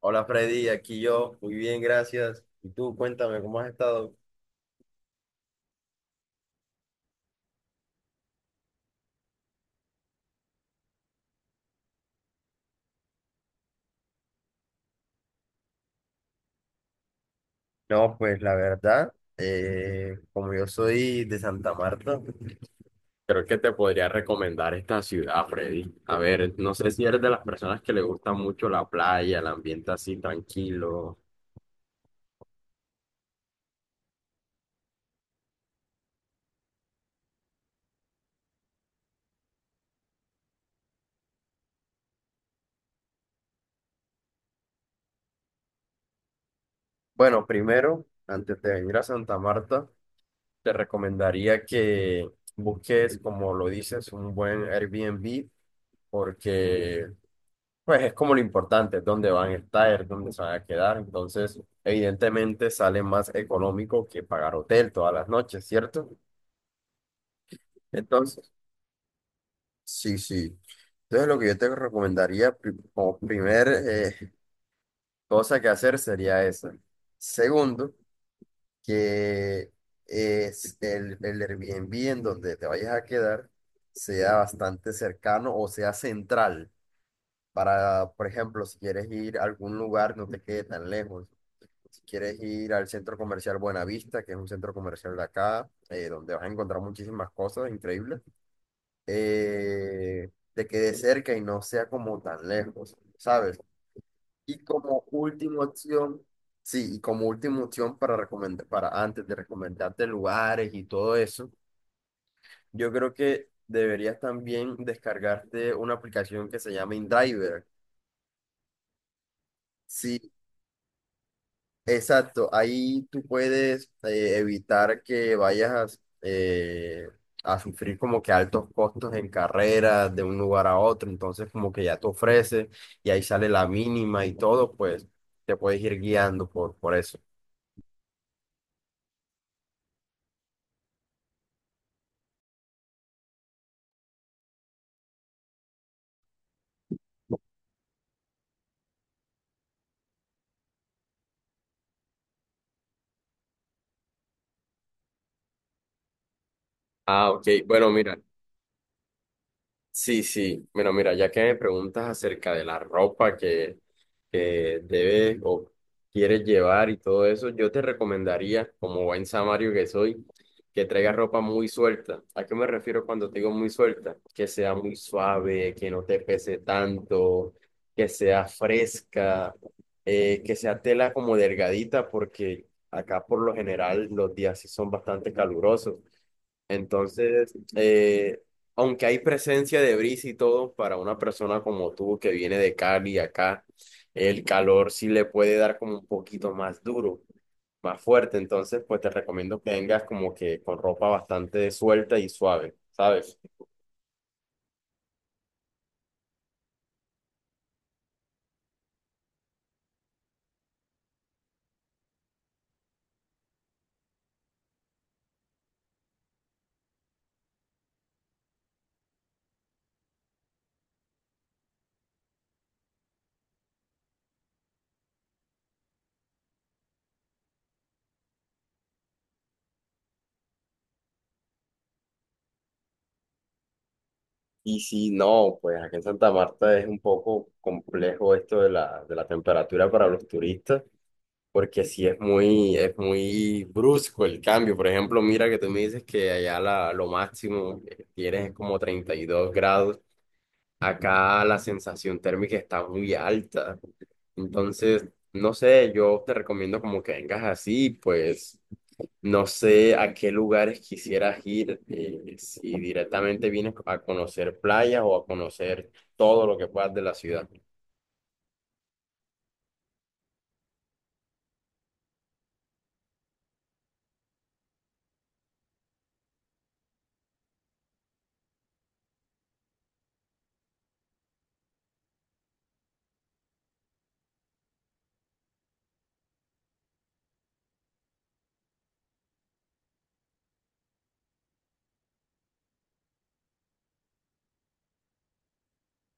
Hola Freddy, aquí yo, muy bien, gracias. Y tú, cuéntame, ¿cómo has estado? No, pues la verdad, como yo soy de Santa Marta, creo que te podría recomendar esta ciudad, Freddy. A ver, no sé si eres de las personas que le gusta mucho la playa, el ambiente así tranquilo. Bueno, primero, antes de venir a Santa Marta, te recomendaría que busques, como lo dices, un buen Airbnb, porque Pues es como lo importante, dónde van a estar, dónde se van a quedar. Entonces, evidentemente sale más económico que pagar hotel todas las noches, ¿cierto? Entonces, sí, sí. Entonces, lo que yo te recomendaría como primer cosa que hacer sería esa. Segundo, que es el Airbnb en donde te vayas a quedar sea bastante cercano o sea central. Para, por ejemplo, si quieres ir a algún lugar, no te quede tan lejos. Si quieres ir al centro comercial Buenavista, que es un centro comercial de acá, donde vas a encontrar muchísimas cosas increíbles, te quede cerca y no sea como tan lejos, ¿sabes? Y como última opción, sí, y como última opción para recomendar, para antes de recomendarte lugares y todo eso, yo creo que deberías también descargarte una aplicación que se llama InDriver. Sí. Exacto, ahí tú puedes evitar que vayas a sufrir como que altos costos en carreras de un lugar a otro, entonces como que ya te ofrece y ahí sale la mínima y todo, pues te puedes ir guiando por eso. Ah, ok. Bueno, mira. Sí, sí. Bueno, mira, ya que me preguntas acerca de la ropa que debes o quieres llevar y todo eso, yo te recomendaría, como buen samario que soy, que traigas ropa muy suelta. ¿A qué me refiero cuando te digo muy suelta? Que sea muy suave, que no te pese tanto, que sea fresca, que sea tela como delgadita, porque acá por lo general los días sí son bastante calurosos. Entonces, aunque hay presencia de brisa y todo, para una persona como tú que viene de Cali acá, el calor sí le puede dar como un poquito más duro, más fuerte. Entonces, pues te recomiendo que vengas como que con ropa bastante suelta y suave, ¿sabes? Y si no, pues aquí en Santa Marta es un poco complejo esto de la, temperatura para los turistas. Porque sí es muy brusco el cambio. Por ejemplo, mira que tú me dices que allá lo máximo que tienes es como 32 grados. Acá la sensación térmica está muy alta. Entonces, no sé, yo te recomiendo como que vengas así, pues no sé a qué lugares quisieras ir, si directamente vienes a conocer playas o a conocer todo lo que puedas de la ciudad.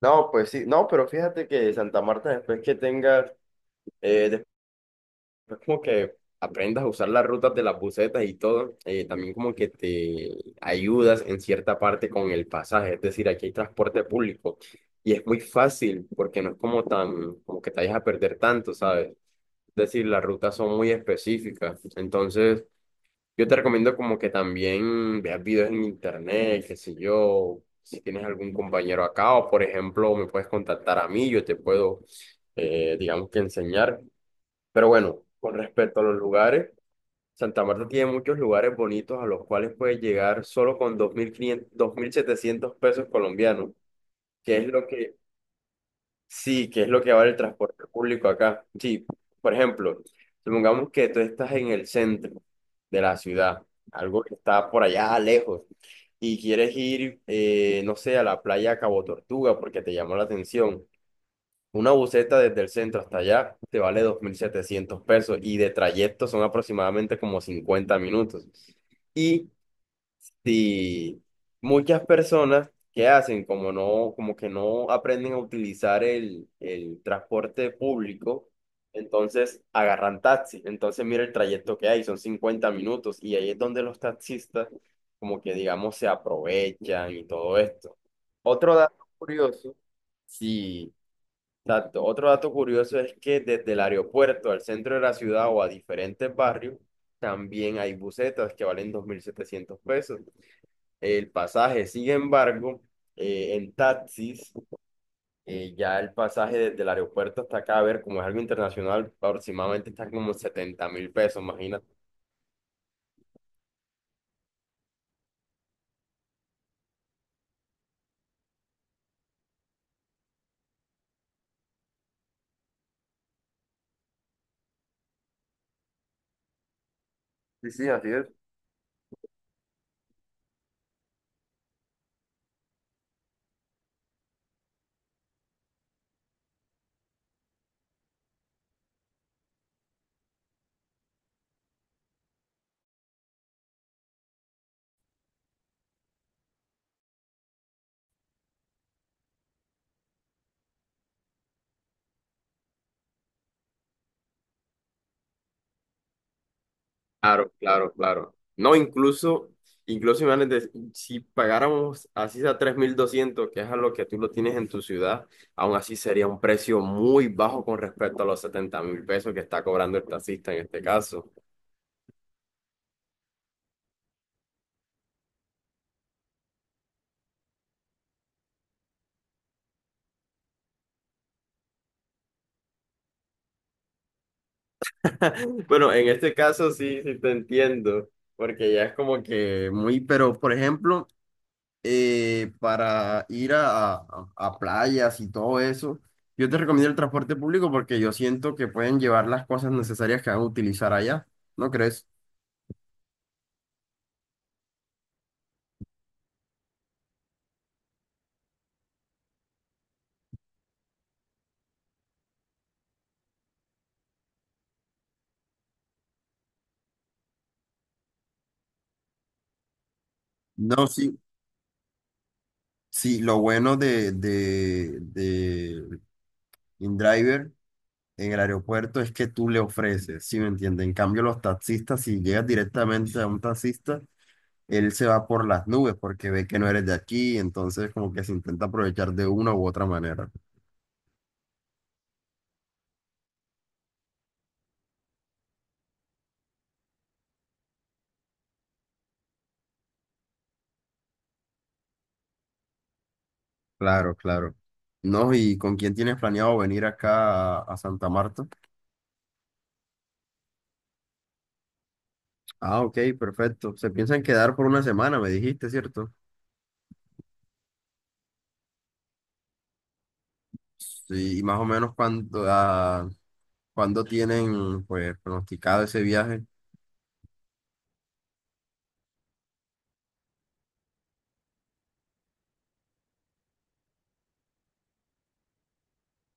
No, pues sí, no, pero fíjate que Santa Marta, después que tengas es como que aprendas a usar las rutas de las busetas y todo, también como que te ayudas en cierta parte con el pasaje, es decir, aquí hay transporte público y es muy fácil porque no es como tan, como que te vayas a perder tanto, ¿sabes? Es decir, las rutas son muy específicas, entonces yo te recomiendo como que también veas videos en internet, qué sé yo, si tienes algún compañero acá o por ejemplo me puedes contactar a mí, yo te puedo, digamos que enseñar. Pero bueno, con respecto a los lugares, Santa Marta tiene muchos lugares bonitos a los cuales puedes llegar solo con dos mil quinientos 2.700 pesos colombianos, que es lo que, sí, que es lo que vale el transporte público acá. Sí, por ejemplo, supongamos que tú estás en el centro de la ciudad, algo que está por allá lejos, y quieres ir, no sé, a la playa Cabo Tortuga porque te llamó la atención. Una buseta desde el centro hasta allá te vale 2.700 pesos y de trayecto son aproximadamente como 50 minutos. Y si muchas personas que hacen como no, como que no aprenden a utilizar el transporte público, entonces agarran taxi. Entonces mira el trayecto que hay, son 50 minutos y ahí es donde los taxistas como que digamos se aprovechan y todo esto. Otro dato curioso, sí. Otro dato curioso es que desde el aeropuerto al centro de la ciudad o a diferentes barrios, también hay busetas que valen 2.700 pesos. El pasaje, sin embargo, en taxis, ya el pasaje desde el aeropuerto hasta acá, a ver, como es algo internacional, aproximadamente está como 70.000 pesos, imagínate. Sí, sí, así es. Claro, claro, claro. No, incluso, imagínate, si pagáramos así a 3.200, que es a lo que tú lo tienes en tu ciudad, aún así sería un precio muy bajo con respecto a los 70.000 pesos que está cobrando el taxista en este caso. Bueno, en este caso sí, sí te entiendo, porque ya es como que muy, pero por ejemplo, para ir a playas y todo eso, yo te recomiendo el transporte público porque yo siento que pueden llevar las cosas necesarias que van a utilizar allá, ¿no crees? No, sí, sí, lo bueno de InDriver en el aeropuerto es que tú le ofreces, ¿sí me entiendes? En cambio, los taxistas, si llegas directamente a un taxista, él se va por las nubes porque ve que no eres de aquí, entonces como que se intenta aprovechar de una u otra manera. Claro, claro. No, ¿y con quién tienes planeado venir acá a Santa Marta? Ah, ok, perfecto. Se piensan quedar por una semana, me dijiste, ¿cierto? Sí, y más o menos cuándo tienen pues pronosticado ese viaje.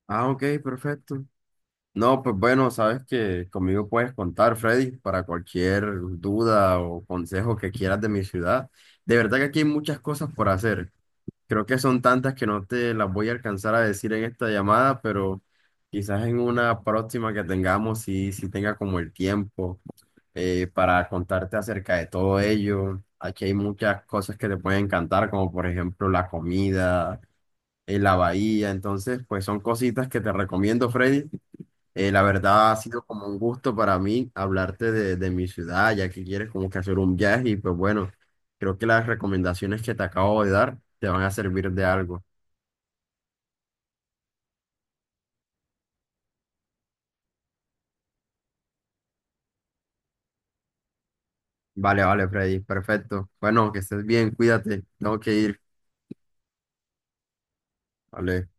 Ah, ok, perfecto. No, pues bueno, sabes que conmigo puedes contar, Freddy, para cualquier duda o consejo que quieras de mi ciudad. De verdad que aquí hay muchas cosas por hacer. Creo que son tantas que no te las voy a alcanzar a decir en esta llamada, pero quizás en una próxima que tengamos, si tenga como el tiempo para contarte acerca de todo ello. Aquí hay muchas cosas que te pueden encantar, como por ejemplo la comida, la bahía. Entonces, pues son cositas que te recomiendo, Freddy, la verdad ha sido como un gusto para mí hablarte de mi ciudad, ya que quieres como que hacer un viaje y pues bueno, creo que las recomendaciones que te acabo de dar te van a servir de algo. Vale, vale, Freddy, perfecto. Bueno, que estés bien, cuídate, tengo que ir. Vale.